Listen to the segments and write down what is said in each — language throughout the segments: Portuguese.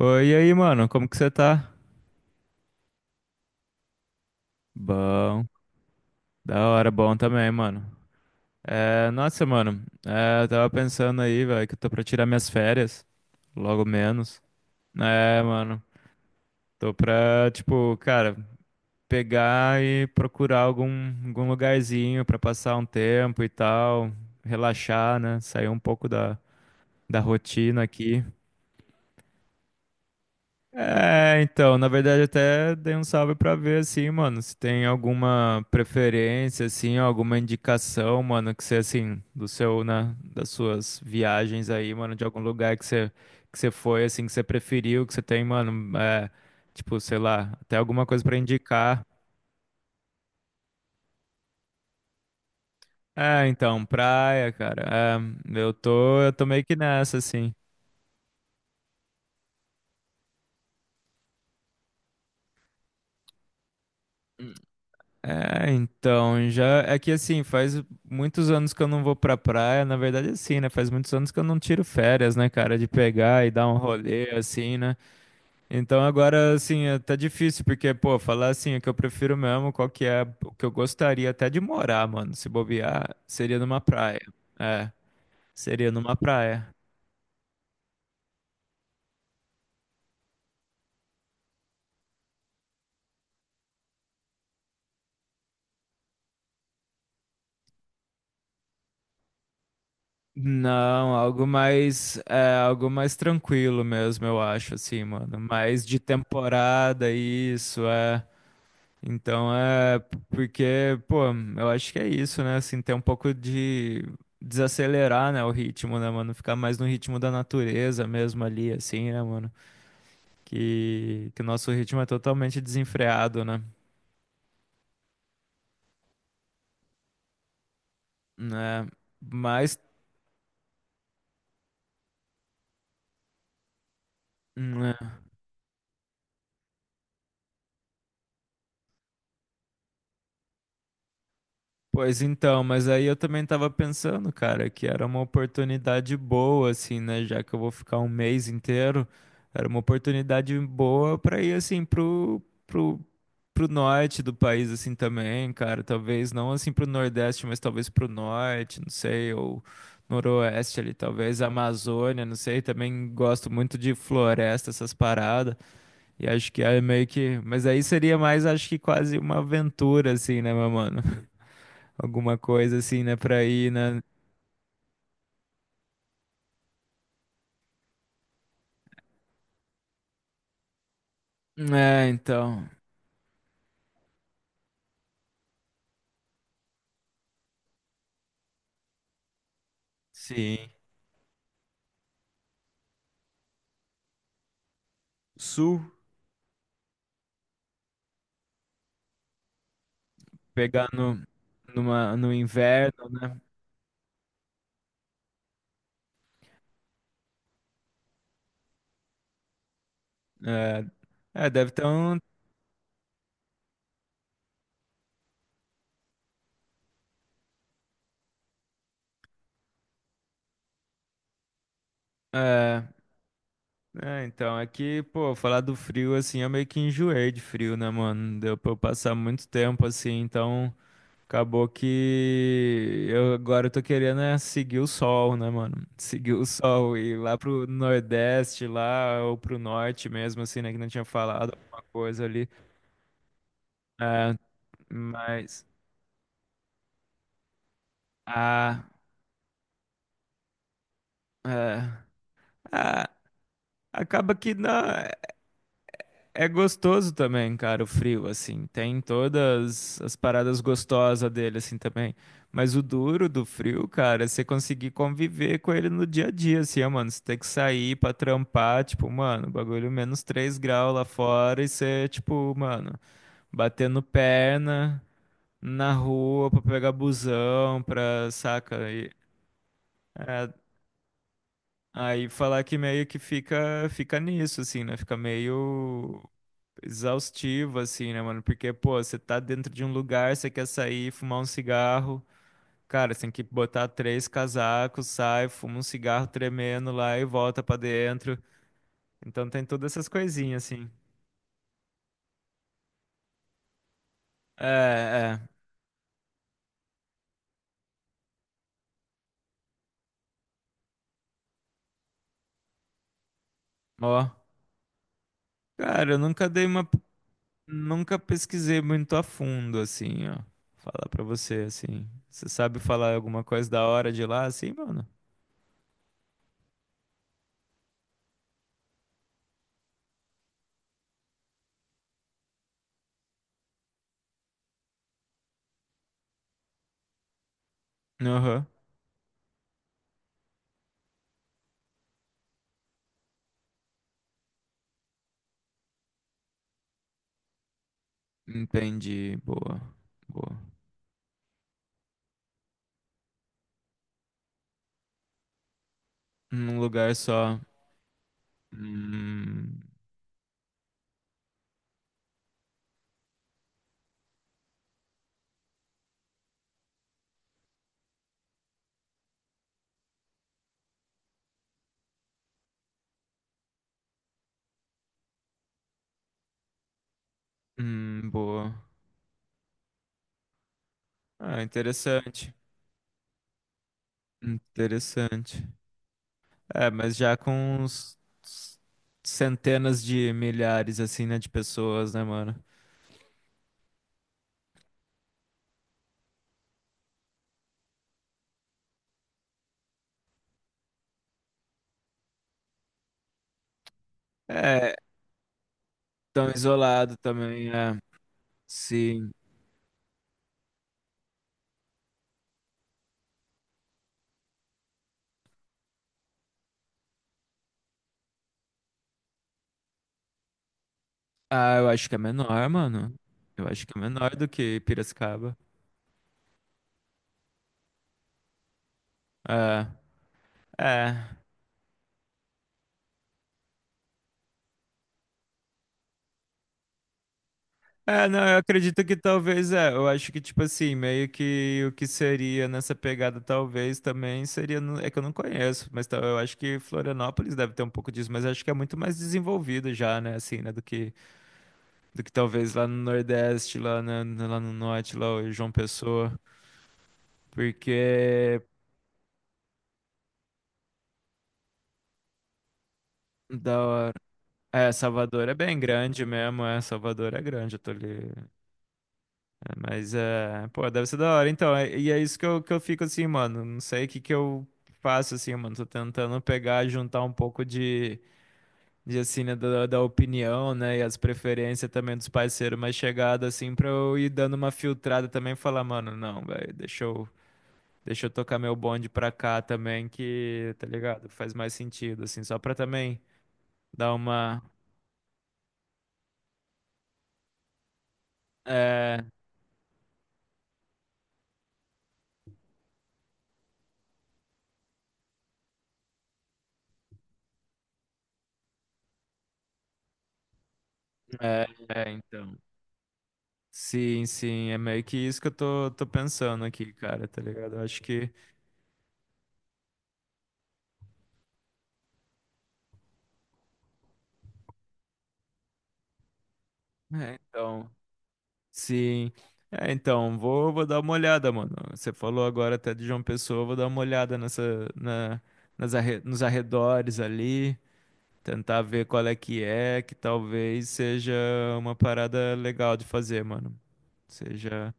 Oi, e aí, mano, como que você tá? Bom, da hora, bom também, mano. Nossa, mano, eu tava pensando aí, velho, que eu tô pra tirar minhas férias, logo menos. É, mano, tô pra, tipo, cara, pegar e procurar algum lugarzinho pra passar um tempo e tal, relaxar, né, sair um pouco da rotina aqui. É, então, na verdade até dei um salve pra ver assim, mano, se tem alguma preferência assim, alguma indicação, mano, que você assim, do seu, né, das suas viagens aí, mano, de algum lugar que você foi assim, que você preferiu, que você tem, mano, é, tipo, sei lá, até alguma coisa pra indicar. É, então, praia, cara. É, eu tô meio que nessa assim. É, então, já é que assim, faz muitos anos que eu não vou pra praia, na verdade assim, né? Faz muitos anos que eu não tiro férias, né, cara, de pegar e dar um rolê assim, né? Então agora assim, tá difícil porque, pô, falar assim, o que eu prefiro mesmo, qual que é o que eu gostaria até de morar, mano, se bobear, seria numa praia. É, seria numa praia. Não, algo mais, é, algo mais tranquilo mesmo, eu acho, assim, mano. Mais de temporada, isso, é. Então é porque, pô, eu acho que é isso, né? Assim, ter um pouco de desacelerar, né, o ritmo, né, mano? Ficar mais no ritmo da natureza mesmo ali, assim, né, mano? Que o nosso ritmo é totalmente desenfreado, né? Né? Mas, né, pois então, mas aí eu também tava pensando, cara, que era uma oportunidade boa, assim, né? Já que eu vou ficar um mês inteiro, era uma oportunidade boa pra ir, assim, pro, pro norte do país, assim, também, cara. Talvez não, assim, pro Nordeste, mas talvez pro Norte, não sei, ou Noroeste ali, talvez Amazônia, não sei. Também gosto muito de floresta, essas paradas. E acho que é meio que. Mas aí seria mais, acho que quase uma aventura, assim, né, meu mano? Alguma coisa assim, né? Pra ir na. É, então. Sim. Sul, pegar no, numa, no inverno, né? É, é, deve ter um. É, é, então, aqui, pô, falar do frio assim, eu meio que enjoei de frio, né, mano? Deu pra eu passar muito tempo assim, então acabou que eu agora eu tô querendo é seguir o sol, né, mano? Seguir o sol e ir lá pro Nordeste, lá, ou pro norte mesmo, assim, né? Que não tinha falado alguma coisa ali. É, mas a, é, a- acaba que dá, é é gostoso também, cara, o frio, assim. Tem todas as paradas gostosas dele, assim, também. Mas o duro do frio, cara, é você conseguir conviver com ele no dia a dia, assim, ó, mano. Você tem que sair pra trampar, tipo, mano, bagulho menos 3 graus lá fora e você, tipo, mano, batendo perna na rua pra pegar busão, pra, saca? E, é, aí falar que meio que fica, fica nisso, assim, né? Fica meio exaustivo, assim, né, mano? Porque, pô, você tá dentro de um lugar, você quer sair, fumar um cigarro. Cara, você tem que botar três casacos, sai, fuma um cigarro tremendo lá e volta pra dentro. Então tem todas essas coisinhas, assim. É, é. Ó. Cara, eu nunca dei uma. Nunca pesquisei muito a fundo, assim, ó. Falar pra você, assim. Você sabe falar alguma coisa da hora de lá, assim, mano? Aham. Entendi. Boa. Boa. Num lugar só. Hum, boa. Ah, interessante. Interessante. É, mas já com uns centenas de milhares, assim, né, de pessoas, né, mano? É, tão isolado também, é. Sim. Ah, eu acho que é menor, mano. Eu acho que é menor do que Piracicaba. É, é. É, não, eu acredito que talvez é. Eu acho que, tipo assim, meio que o que seria nessa pegada, talvez também seria. É que eu não conheço, mas eu acho que Florianópolis deve ter um pouco disso, mas acho que é muito mais desenvolvido já, né, assim, né, do que talvez lá no Nordeste, lá, lá no Norte, lá o João Pessoa, porque da hora. É, Salvador é bem grande mesmo, é. Salvador é grande, eu tô ali. É, mas é, pô, deve ser da hora. Então, e é isso que eu fico assim, mano. Não sei o que que eu faço assim, mano. Tô tentando pegar, juntar um pouco de assim, né, da opinião, né, e as preferências também dos parceiros mais chegados, assim, pra eu ir dando uma filtrada também e falar, mano, não, velho, deixa eu tocar meu bonde pra cá também, que, tá ligado? Faz mais sentido, assim, só pra também dar uma. É, é, então. Sim, é meio que isso que tô pensando aqui, cara, tá ligado? Eu acho que. É, então. Sim. É, então, vou dar uma olhada, mano. Você falou agora até de João Pessoa, eu vou dar uma olhada nessa, na, nos arredores ali, tentar ver qual é, que talvez seja uma parada legal de fazer, mano. Seja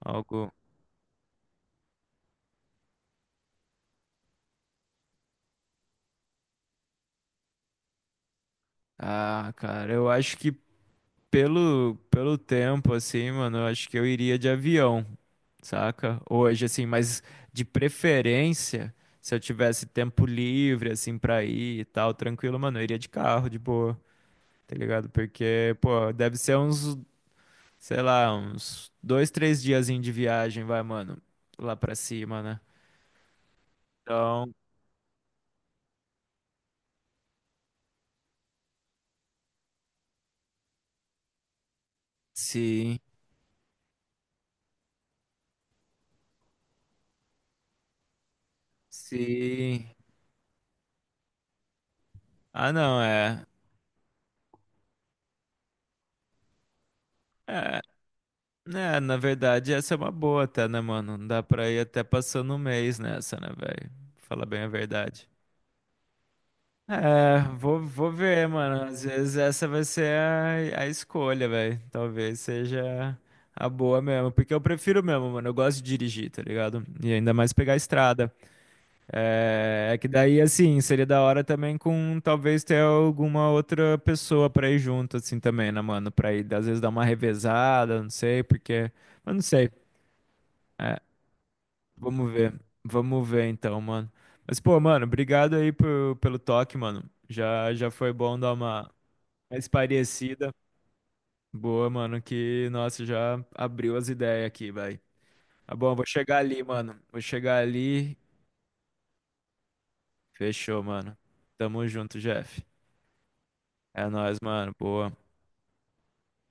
algo. Ah, cara, eu acho que pelo tempo, assim, mano, eu acho que eu iria de avião. Saca? Hoje, assim, mas de preferência, se eu tivesse tempo livre, assim, pra ir e tal, tranquilo, mano, eu iria de carro, de boa, tá ligado? Porque, pô, deve ser uns, sei lá, uns dois, três diazinho de viagem, vai, mano, lá pra cima, né? Então, sim, sim. Ah, não, é. É, né, na verdade, essa é uma boa até, né, mano? Dá pra ir até passando um mês nessa, né, velho? Fala bem a verdade. É, vou ver, mano. Às vezes essa vai ser a escolha, velho. Talvez seja a boa mesmo. Porque eu prefiro mesmo, mano. Eu gosto de dirigir, tá ligado? E ainda mais pegar a estrada. É, é que daí, assim, seria da hora também com talvez ter alguma outra pessoa pra ir junto, assim, também, né, mano? Pra ir, às vezes, dar uma revezada, não sei, porque. Mas não sei. É, vamos ver. Vamos ver então, mano. Mas, pô, mano, obrigado aí pelo toque, mano. Já foi bom dar uma mais parecida. Boa, mano, que, nossa, já abriu as ideias aqui, vai. Tá bom, vou chegar ali, mano. Vou chegar ali. Fechou, mano. Tamo junto, Jeff. É nóis, mano. Boa.